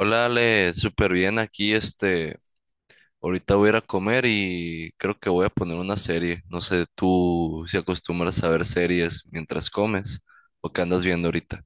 Hola Ale, súper bien aquí, ahorita voy a ir a comer y creo que voy a poner una serie. No sé, tú si acostumbras a ver series mientras comes o qué andas viendo ahorita.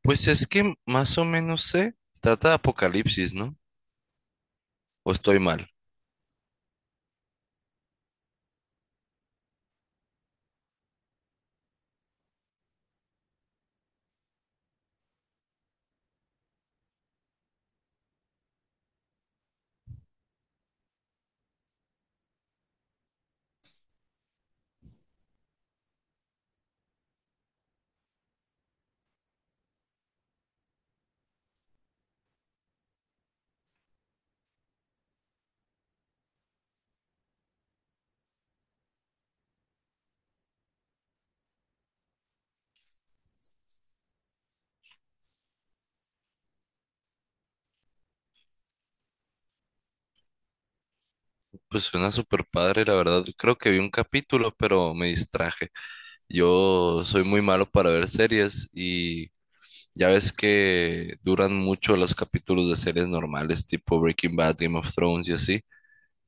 Pues es que más o menos sé, trata de Apocalipsis, ¿no? O estoy mal. Pues suena súper padre, la verdad. Creo que vi un capítulo, pero me distraje. Yo soy muy malo para ver series y ya ves que duran mucho los capítulos de series normales, tipo Breaking Bad, Game of Thrones y así.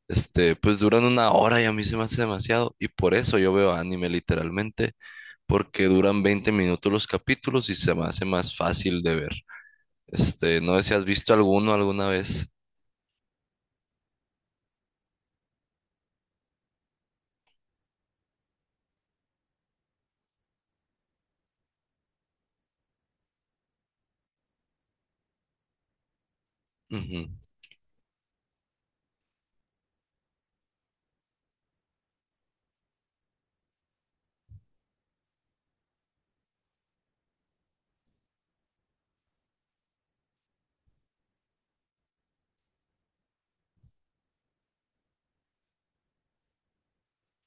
Pues duran una hora y a mí se me hace demasiado. Y por eso yo veo anime literalmente, porque duran 20 minutos los capítulos y se me hace más fácil de ver. No sé si has visto alguno alguna vez. Ujú.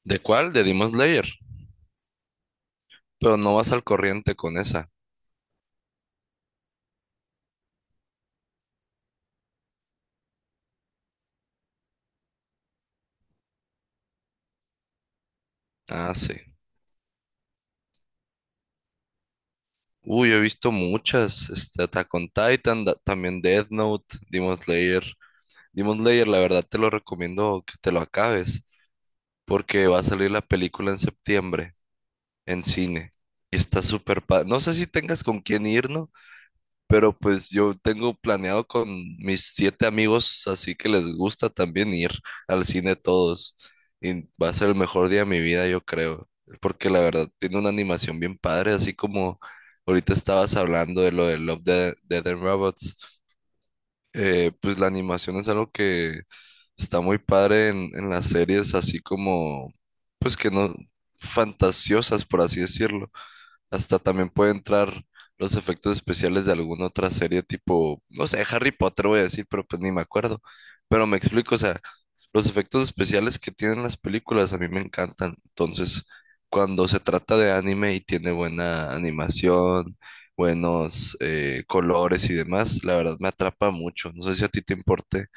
¿De cuál? De Demon Slayer. Pero no vas al corriente con esa. Ah, sí. Uy, he visto muchas. Attack on Titan, también Death Note, Demon Slayer. Demon Slayer, la verdad te lo recomiendo que te lo acabes, porque va a salir la película en septiembre en cine. Y está súper padre. No sé si tengas con quién ir, ¿no? Pero pues yo tengo planeado con mis siete amigos, así que les gusta también ir al cine todos. Y va a ser el mejor día de mi vida, yo creo. Porque la verdad tiene una animación bien padre, así como ahorita estabas hablando de lo de Love, Death and Robots. Pues la animación es algo que está muy padre en las series, así como, pues que no, fantasiosas, por así decirlo. Hasta también puede entrar los efectos especiales de alguna otra serie tipo, no sé, Harry Potter voy a decir, pero pues ni me acuerdo. Pero me explico, o sea, los efectos especiales que tienen las películas a mí me encantan. Entonces, cuando se trata de anime y tiene buena animación, buenos colores y demás, la verdad me atrapa mucho. No sé si a ti te importe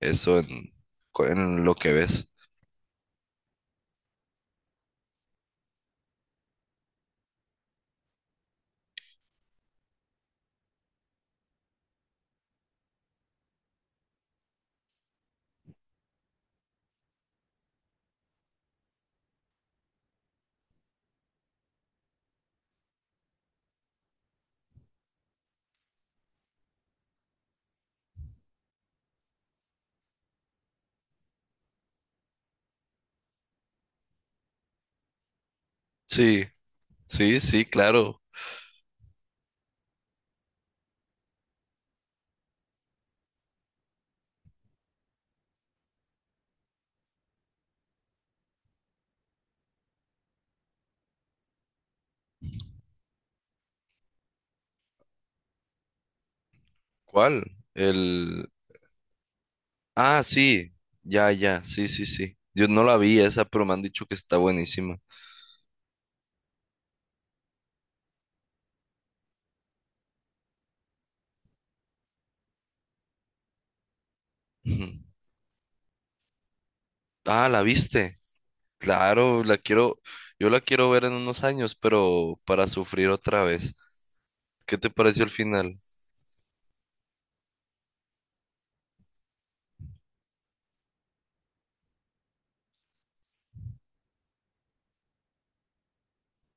eso en lo que ves. Sí, sí, sí, claro. ¿Cuál? El, Ah, sí, ya, ya, sí, sí, sí. Yo no la vi esa, pero me han dicho que está buenísima. Ujú. Ah, ¿la viste? Claro, yo la quiero ver en unos años, pero para sufrir otra vez. ¿Qué te pareció el final?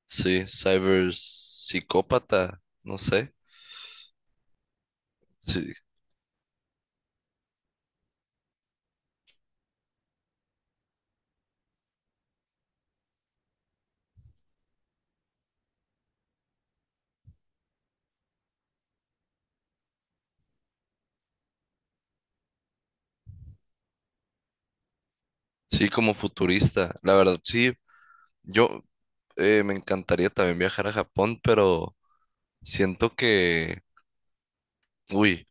Sí, cyber no sé. Sí, sí, como futurista. La verdad, sí, yo me encantaría también viajar a Japón, pero siento que, uy.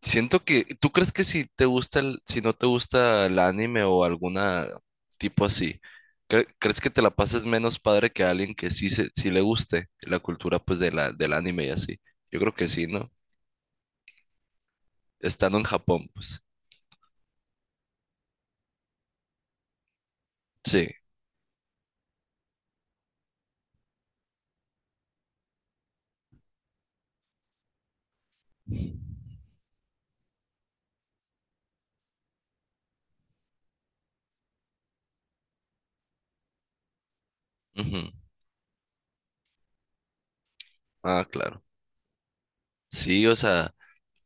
Siento que, ¿tú crees que si no te gusta el anime o alguna tipo así, crees que te la pases menos padre que a alguien que sí le guste la cultura pues del anime y así? Yo creo que sí, ¿no? Estando en Japón, pues. Sí. Ujú. Ah, claro. Sí, o sea,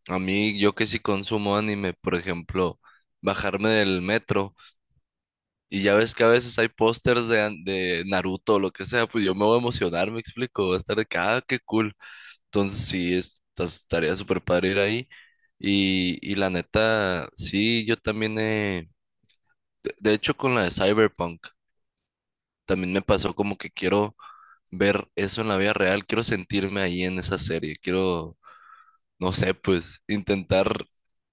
a mí yo que sí consumo anime, por ejemplo, bajarme del metro y ya ves que a veces hay pósters de Naruto o lo que sea, pues yo me voy a emocionar, me explico, va a estar de que, ah, qué cool. Entonces sí, estaría súper padre ir ahí. Y la neta, sí, yo también de hecho con la de Cyberpunk, también me pasó como que quiero ver eso en la vida real, quiero sentirme ahí en esa serie, quiero, no sé, pues intentar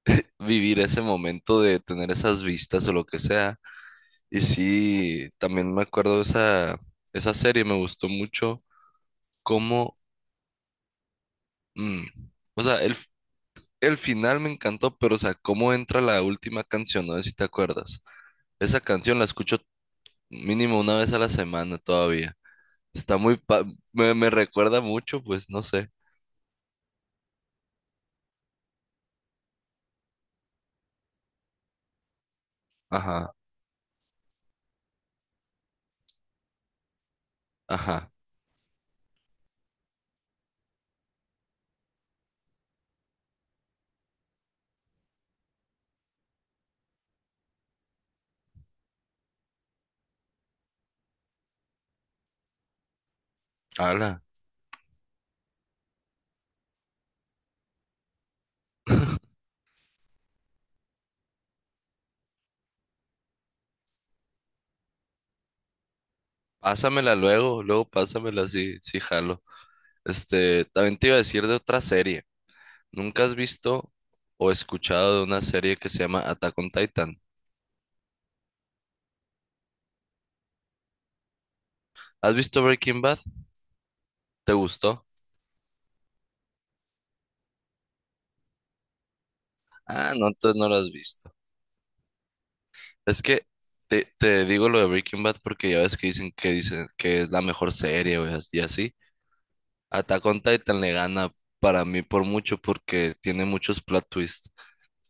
vivir ese momento de tener esas vistas o lo que sea. Y sí, también me acuerdo de esa serie, me gustó mucho cómo, mm, o sea, el final me encantó, pero o sea, cómo entra la última canción, no sé si te acuerdas. Esa canción la escucho mínimo una vez a la semana todavía. Está muy, pa- me recuerda mucho, pues no sé. Ajá, ajá. Hala, luego pásamela, sí, sí jalo. También te iba a decir de otra serie. ¿Nunca has visto o escuchado de una serie que se llama Attack on Titan? ¿Has visto Breaking Bad? ¿Te gustó? Ah, no, entonces no la has visto. Es que te digo lo de Breaking Bad porque ya ves que dicen que es la mejor serie, güey, y así. Attack on Titan le gana para mí por mucho porque tiene muchos plot twists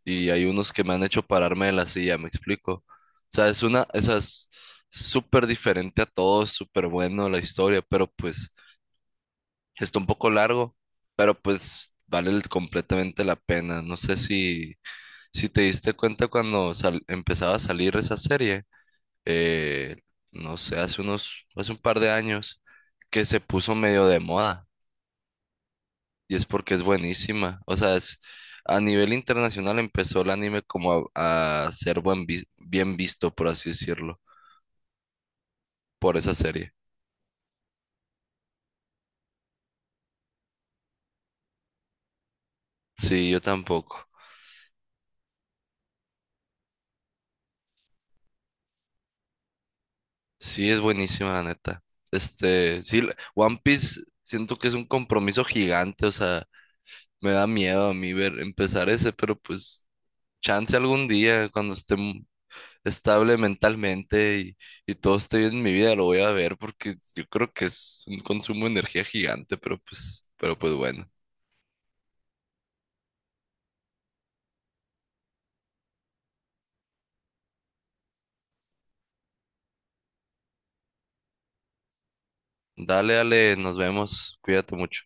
y hay unos que me han hecho pararme de la silla, ¿me explico? O sea, esa es súper diferente a todo, es súper bueno la historia, pero pues está un poco largo, pero pues vale completamente la pena. No sé si te diste cuenta cuando empezaba a salir esa serie, eh, no sé, hace un par de años, que se puso medio de moda y es porque es buenísima. O sea, a nivel internacional empezó el anime como a ser bien visto, por así decirlo, por esa serie. Sí, yo tampoco. Sí, es buenísima, la neta. Sí, One Piece siento que es un compromiso gigante, o sea, me da miedo a mí ver empezar ese, pero pues chance algún día cuando esté estable mentalmente y todo esté bien en mi vida, lo voy a ver porque yo creo que es un consumo de energía gigante, pero pues bueno. Dale, dale, nos vemos. Cuídate mucho.